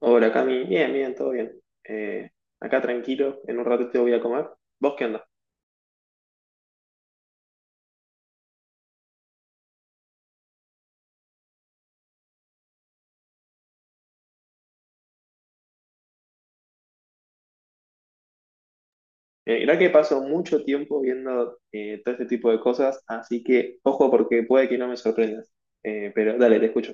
Hola Cami, bien, bien, todo bien. Eh, Acá tranquilo, en un rato te voy a comer. ¿Vos qué onda? Mirá que paso mucho tiempo viendo todo este tipo de cosas, así que ojo porque puede que no me sorprendas. Pero dale, te escucho.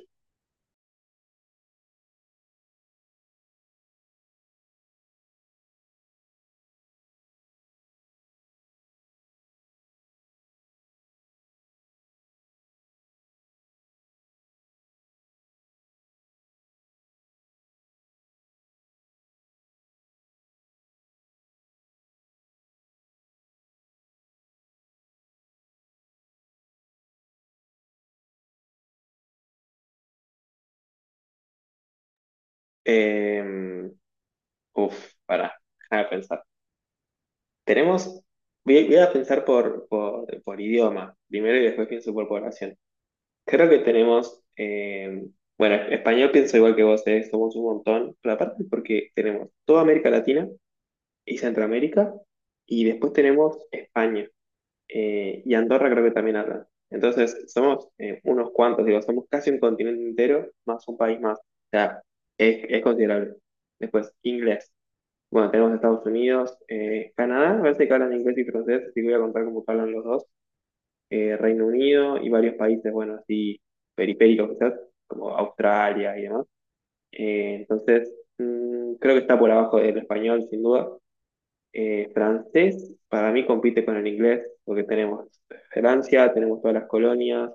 Eh, Uf, pará, déjame pensar. Tenemos, voy, a voy a pensar por idioma, primero y después pienso por población. Creo que tenemos, bueno, español pienso igual que vos, somos un montón, pero aparte porque tenemos toda América Latina y Centroamérica. Y después tenemos España y Andorra creo que también hablan. Entonces, somos unos cuantos, digo, somos casi un continente entero más un país más. O sea, es considerable. Después, inglés. Bueno, tenemos Estados Unidos, Canadá, a veces que hablan inglés y francés, así que voy a contar cómo hablan los dos. Reino Unido y varios países, bueno, así periféricos quizás, como Australia y demás. Entonces, mm, creo que está por abajo del español, sin duda. Francés para mí compite con el inglés, porque tenemos Francia, tenemos todas las colonias,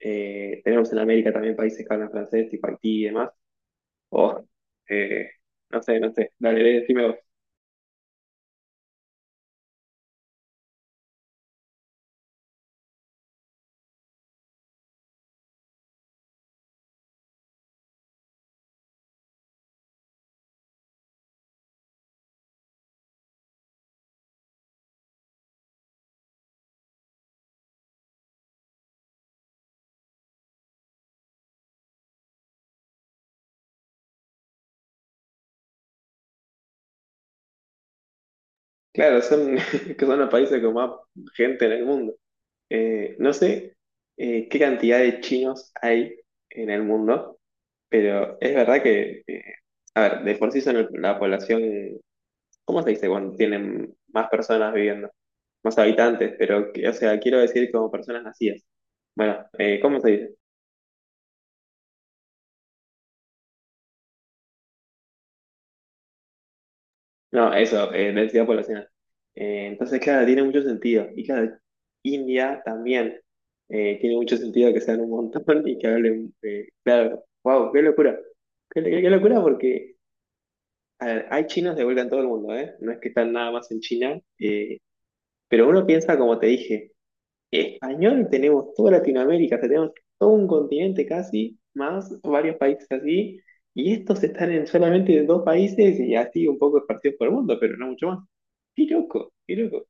tenemos en América también países que hablan francés, tipo Haití y demás. O, eh, no sé, no sé, dale, decime vos. Claro, son, que son los países con más gente en el mundo. No sé qué cantidad de chinos hay en el mundo, pero es verdad que, a ver, de por sí son la población. ¿Cómo se dice cuando tienen más personas viviendo? Más habitantes, pero, o sea, quiero decir como personas nacidas. Bueno, ¿cómo se dice? No, eso, densidad poblacional. Entonces, claro, tiene mucho sentido. Y claro, India también tiene mucho sentido que sean un montón y que hablen, claro, wow, qué locura. Qué locura porque, a ver, hay chinos de vuelta en todo el mundo, ¿eh? No es que están nada más en China, pero uno piensa, como te dije, español tenemos toda Latinoamérica, o sea, tenemos todo un continente casi, más varios países así, y estos están en solamente dos países y así un poco esparcidos por el mundo, pero no mucho más. Qué loco, qué loco.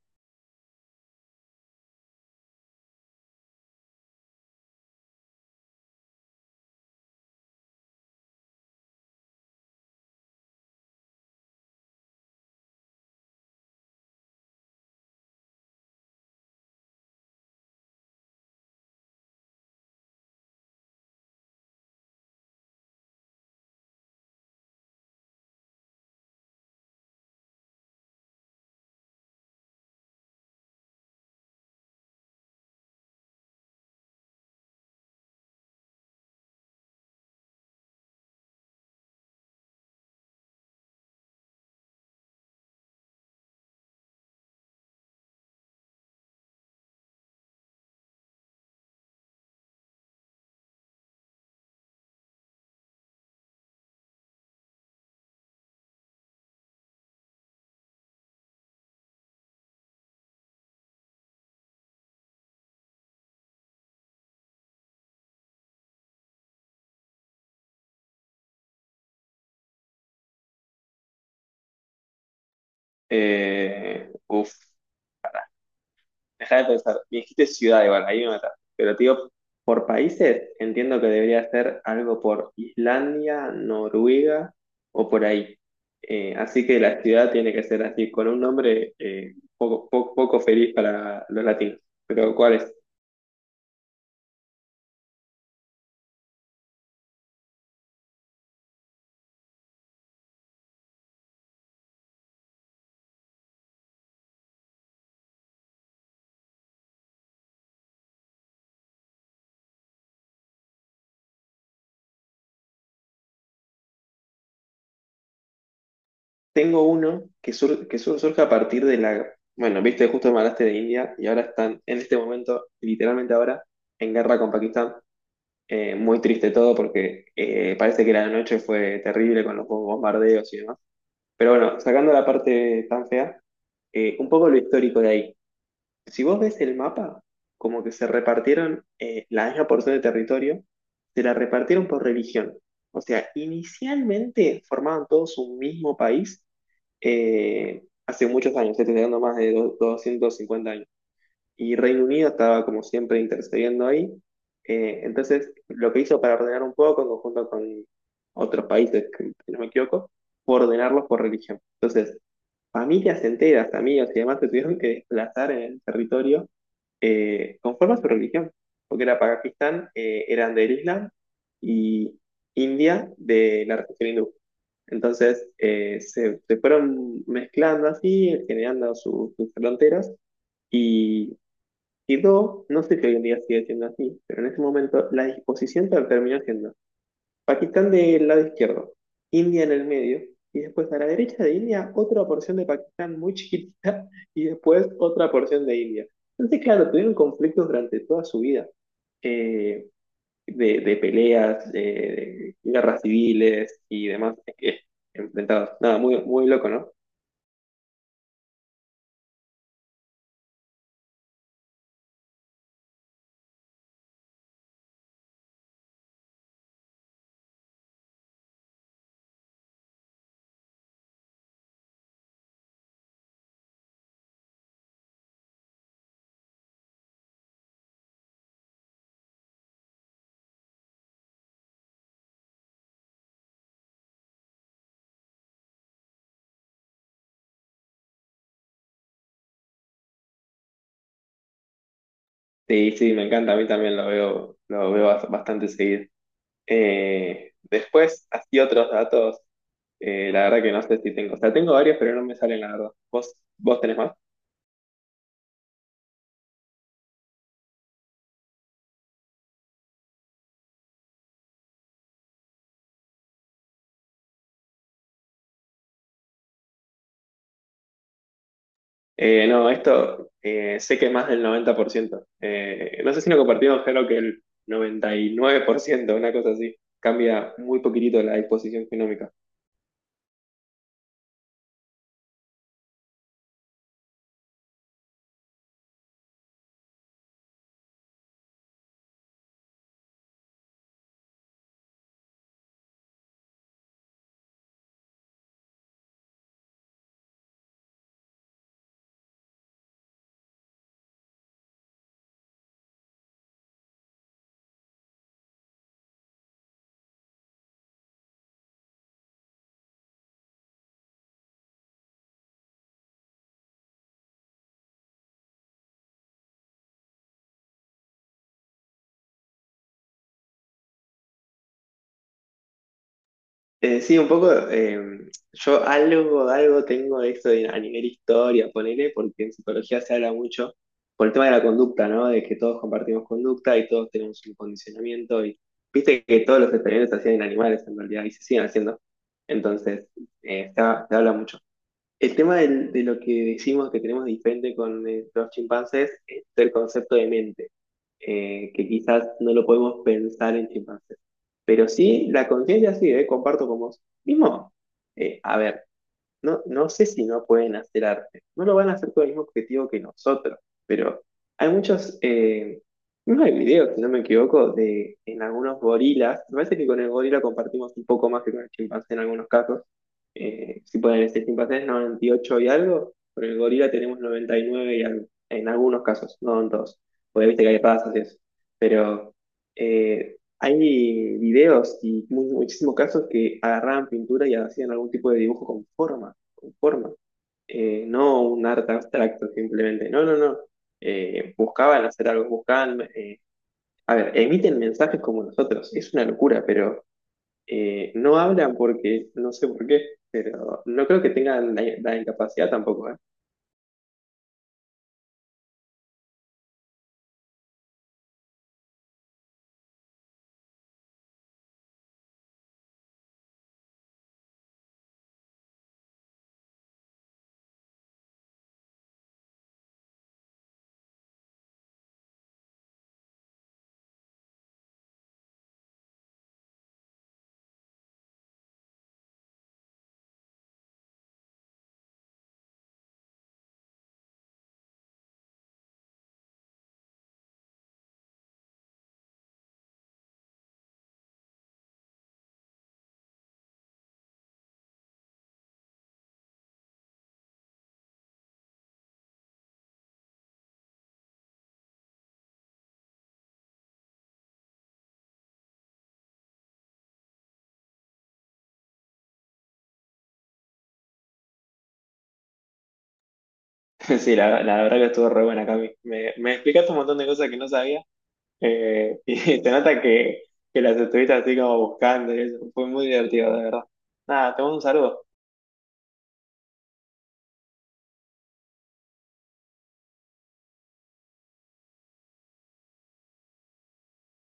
Uf. Deja de pensar, me dijiste ciudad igual, ahí me mataste. Pero te digo, por países, entiendo que debería ser algo por Islandia, Noruega o por ahí. Así que la ciudad tiene que ser así, con un nombre poco, poco, poco feliz para los latinos. Pero ¿cuál es? Tengo uno que, surge a partir de la... Bueno, viste, justo me hablaste de India y ahora están, en este momento, literalmente ahora, en guerra con Pakistán. Muy triste todo porque parece que la noche fue terrible con los bombardeos y demás. Pero bueno, sacando la parte tan fea, un poco lo histórico de ahí. Si vos ves el mapa, como que se repartieron la misma porción de territorio, se la repartieron por religión. O sea, inicialmente formaban todos un mismo país hace muchos años, estoy hablando más de 250 años. Y Reino Unido estaba como siempre intercediendo ahí. Entonces, lo que hizo para ordenar un poco, en conjunto con otros países, que, si no me equivoco, fue ordenarlos por religión. Entonces, familias enteras, amigos y demás se tuvieron que desplazar en el territorio conforme a su religión, porque era Pakistán, eran del Islam y India de la religión hindú. Entonces, se fueron mezclando así, generando sus fronteras. Y y dos, no sé si hoy en día sigue siendo así, pero en ese momento la disposición terminó siendo Pakistán del lado izquierdo, India en el medio, y después a la derecha de India otra porción de Pakistán muy chiquitita, y después otra porción de India. Entonces, claro, tuvieron conflictos durante toda su vida, eh, de peleas, de guerras civiles y demás eh, enfrentados. Nada, muy, muy loco, ¿no? Sí, sí, me encanta, a mí también lo veo bastante seguido. Después, así otros datos, la verdad que no sé si tengo. O sea, tengo varios, pero no me salen, la verdad. Vos tenés más? No, esto sé que más del 90%. No sé si lo compartimos, creo que el 99%, una cosa así. Cambia muy poquitito la disposición genómica. Sí, un poco, yo algo, algo tengo de esto a nivel historia, ponele, porque en psicología se habla mucho por el tema de la conducta, ¿no? De que todos compartimos conducta y todos tenemos un condicionamiento y viste que todos los experimentos se hacían en animales en realidad y se siguen haciendo. Entonces, se habla mucho. El tema de lo que decimos que tenemos diferente con los chimpancés es el concepto de mente, que quizás no lo podemos pensar en chimpancés. Pero sí, la conciencia sí, comparto con vos. Mismo, a ver. No, no sé si no pueden hacer arte. No lo van a hacer con el mismo objetivo que nosotros, pero hay muchos, no hay videos, si no me equivoco, de en algunos gorilas. Me parece que con el gorila compartimos un poco más que con el chimpancé en algunos casos. Si pueden decir chimpancés 98 y ocho y algo, con el gorila tenemos 99 y nueve y algo, en algunos casos, no en todos. Porque viste que hay razas y eso. Pero hay videos y muchísimos casos que agarraban pintura y hacían algún tipo de dibujo con forma, no un arte abstracto simplemente, no, no, no. Buscaban hacer algo, buscaban, a ver, emiten mensajes como nosotros, es una locura, pero no hablan porque, no sé por qué, pero no creo que tengan la incapacidad tampoco, ¿eh? Sí, la verdad que estuvo re buena, Cami. Me explicaste un montón de cosas que no sabía y te nota que las estuviste así como buscando y eso, fue muy divertido, de verdad. Nada, te mando un saludo.